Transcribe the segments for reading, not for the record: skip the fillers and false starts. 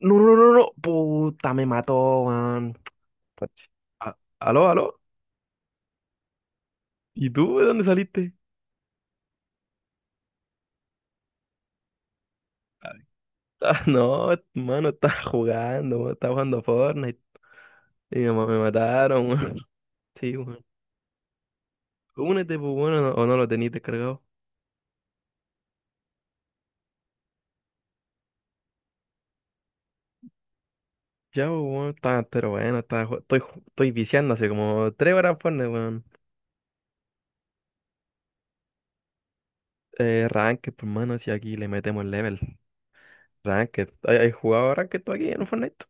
No, no, no, no. Puta, me mató, man. Puch. Aló, aló. ¿Y tú de dónde saliste? Ah, no, mano, estaba jugando, man, estaba jugando Fortnite. Y me mataron, man. Sí, man. Únete, pues bueno, o no lo tenías descargado. Ya, pues bueno, está, pero bueno, está, estoy, estoy viciando hace como tres horas Fortnite, weón. Ranked, pues mano, si aquí le metemos level. Ranked. ¿Hay jugado Ranked tú aquí en Fortnite?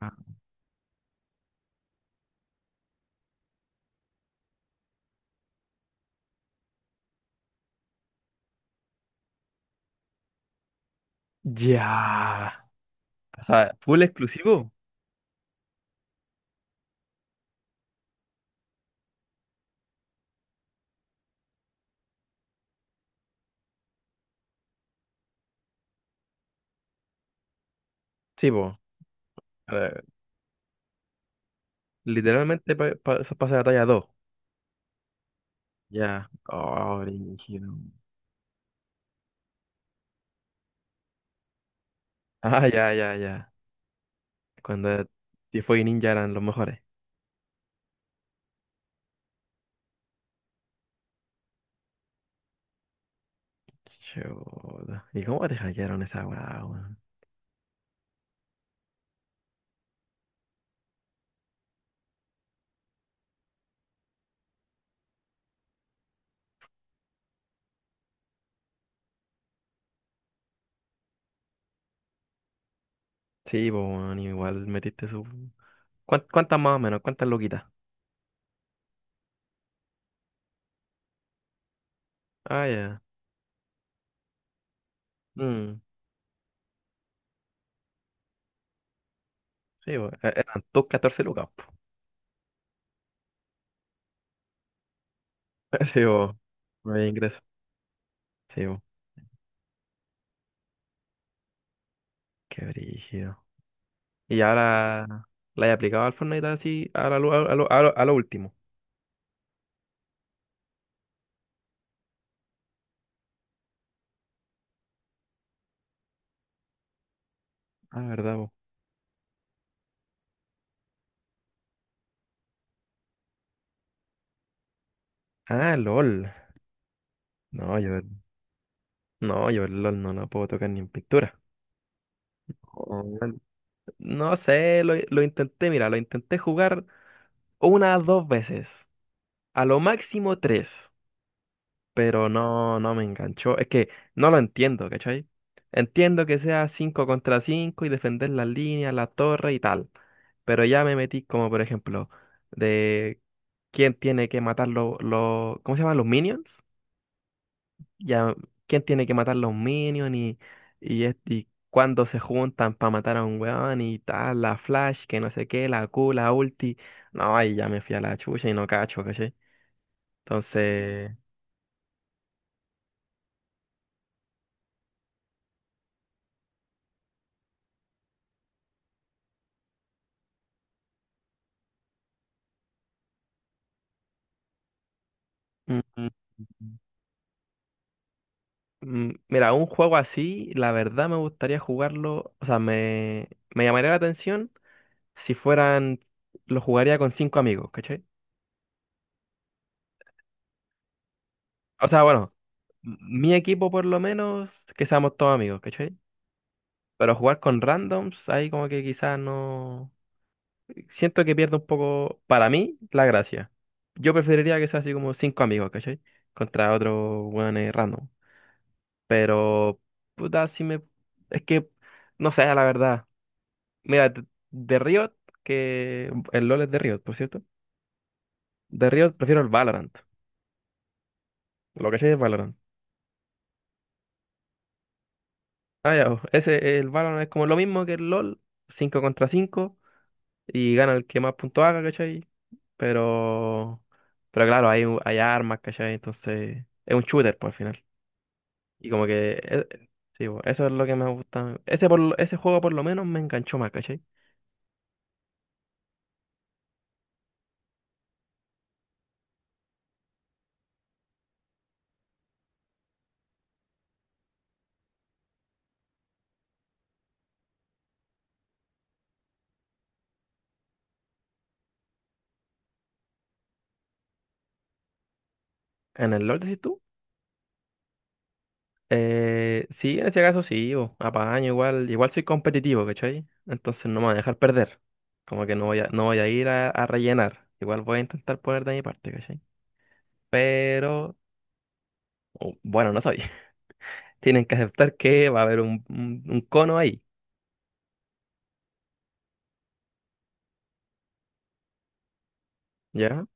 Ah. Ya. O sea, full exclusivo. Sí, pues. Literalmente eso pasa de talla dos. Ya. Oh, brígido. Ah, ya, ya, ya. Cuando Tifo y Ninja eran los mejores. Chuta. ¿Y cómo te hackearon esa weá, weón? Sí, pues, weón, igual metiste su... Cuántas más o menos? ¿Cuántas loquitas? Ah, ya. Mm, sí, pues, eran tus 14 lucas, po. Sí, pues, no había ingreso. Sí, pues, qué brígido. Y ahora la he aplicado al Fortnite así a, a, lo, a lo último. Ah, verdad, pues. Ah, LOL. No, yo, no, yo el LOL no lo puedo tocar ni en pintura. O- No sé, lo intenté, mira, lo intenté jugar una dos veces, a lo máximo tres, pero no, no me enganchó. Es que no lo entiendo, ¿cachai? Entiendo que sea cinco contra cinco y defender las líneas, la torre y tal, pero ya me metí como, por ejemplo, de quién tiene que matar los ¿cómo se llaman? Los minions. Ya quién tiene que matar los minions y, y cuándo se juntan para matar a un weón y tal, la Flash, que no sé qué, la Q, la ulti. No, ahí ya me fui a la chucha y no cacho, ¿cachai? Entonces, mm, mira, un juego así, la verdad me gustaría jugarlo, o sea, me llamaría la atención si fueran, lo jugaría con cinco amigos, ¿cachai? O sea, bueno, mi equipo por lo menos, que seamos todos amigos, ¿cachai? Pero jugar con randoms, ahí como que quizás no... Siento que pierde un poco, para mí, la gracia. Yo preferiría que sea así como cinco amigos, ¿cachai? Contra otro weón random. Pero, puta, si me... Es que, no sé, la verdad. Mira, de Riot, que... El LoL es de Riot, por cierto. De Riot prefiero el Valorant. Lo que sé es Valorant. Ah, ya, oh, ese, el Valorant es como lo mismo que el LoL, 5 contra 5 y gana el que más puntos haga, ¿cachai? Pero, pero claro, hay, hay armas, ¿cachai? Entonces, es un shooter, pues, al final. Y como que, sí, pues, eso es lo que me gusta. Ese, ese juego por lo menos me enganchó más, ¿cachai? En el Lord decís tú. Sí, en ese caso sí, bo, apaño igual, igual soy competitivo, ¿cachai? Entonces no me voy a dejar perder. Como que no voy a, no voy a ir a rellenar. Igual voy a intentar poner de mi parte, ¿cachai? Pero, oh, bueno, no soy. Tienen que aceptar que va a haber un, un cono ahí, ¿ya?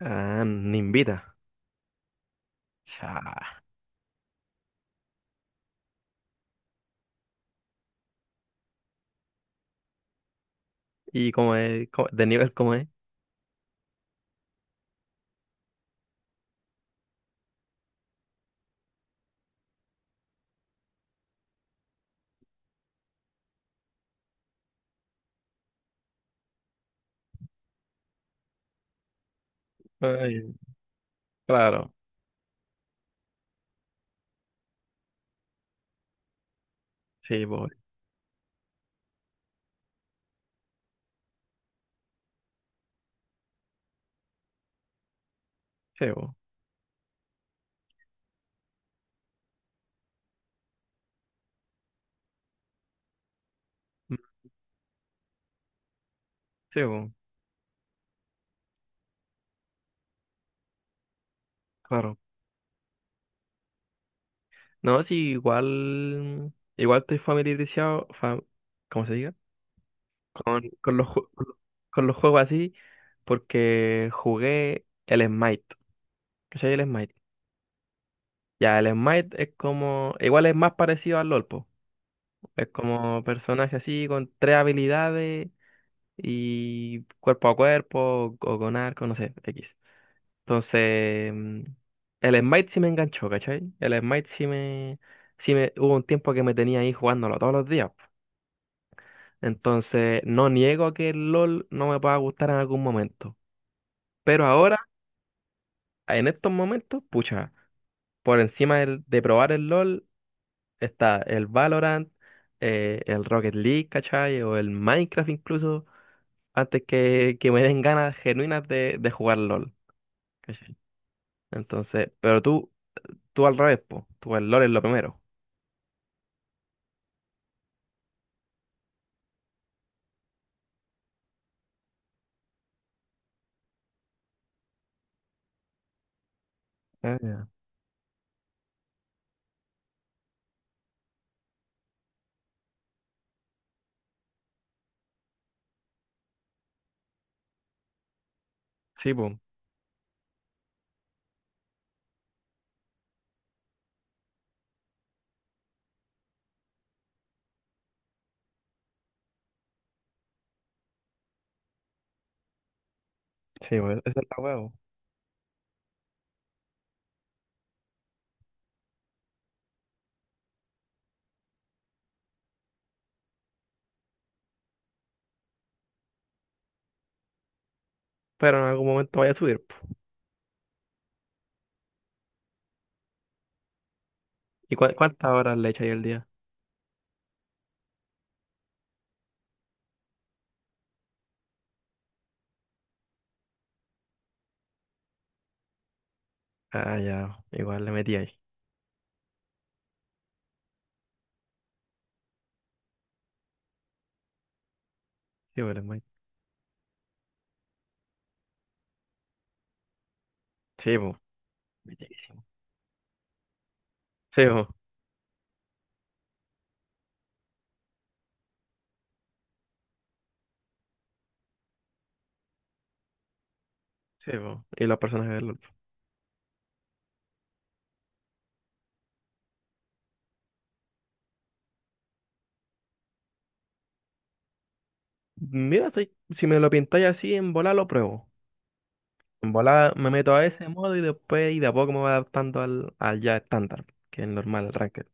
Ah, ni invita. Ya. ¿Y cómo es? De nivel cómo es? Ay, claro. Sí, voy. Sí, bo. Mm, sí, bo. Claro. No, sí, igual. Igual estoy familiarizado. ¿Cómo se diga? Con con los juegos así, porque jugué el Smite. ¿Cachai? El Smite. Ya, el Smite es como. Igual es más parecido al LOL, po. Es como personaje así con tres habilidades y cuerpo a cuerpo o con arco, no sé, X. Entonces, el Smite sí me enganchó, ¿cachai? El Smite sí me, hubo un tiempo que me tenía ahí jugándolo todos los días. Entonces, no niego que el LOL no me pueda gustar en algún momento. Pero ahora, en estos momentos, pucha, por encima de probar el LOL está el Valorant, el Rocket League, ¿cachai? O el Minecraft incluso, antes que me den ganas genuinas de jugar LOL. Entonces, pero tú al revés, po. Tú el lore es lo primero. Ah, ya. Sí, po. Sí, po. Esa es la huevo. Pero en algún momento vaya a subir, po. ¿Y cuántas horas le echas ahí al día? Ah, ya. Igual le metí ahí. Sí, po, le metí. Sí, po. Metidísimo. Sí, po. Sí, po. Y los personajes del LoL. Mira, si, si me lo pintáis así en bola, lo pruebo. En volada me meto a ese modo y después y de a poco me voy adaptando al, al ya estándar, que es el normal, el ranked.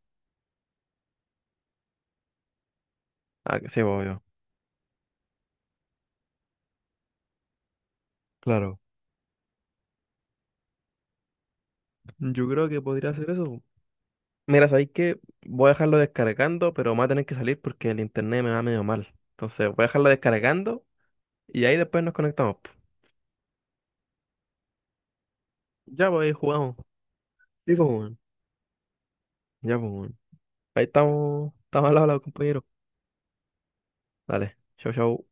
Ah, que sí, pues, obvio. Claro. Yo creo que podría hacer eso. Mira, sabéis que voy a dejarlo descargando, pero me va a tener que salir porque el internet me va medio mal. Entonces voy a dejarlo descargando y ahí después nos conectamos. Ya, pues ahí jugamos. Sí, pues, weón. Ya, pues, weón. Ahí estamos. Estamos al lado, compañero. Dale. Chau, chau.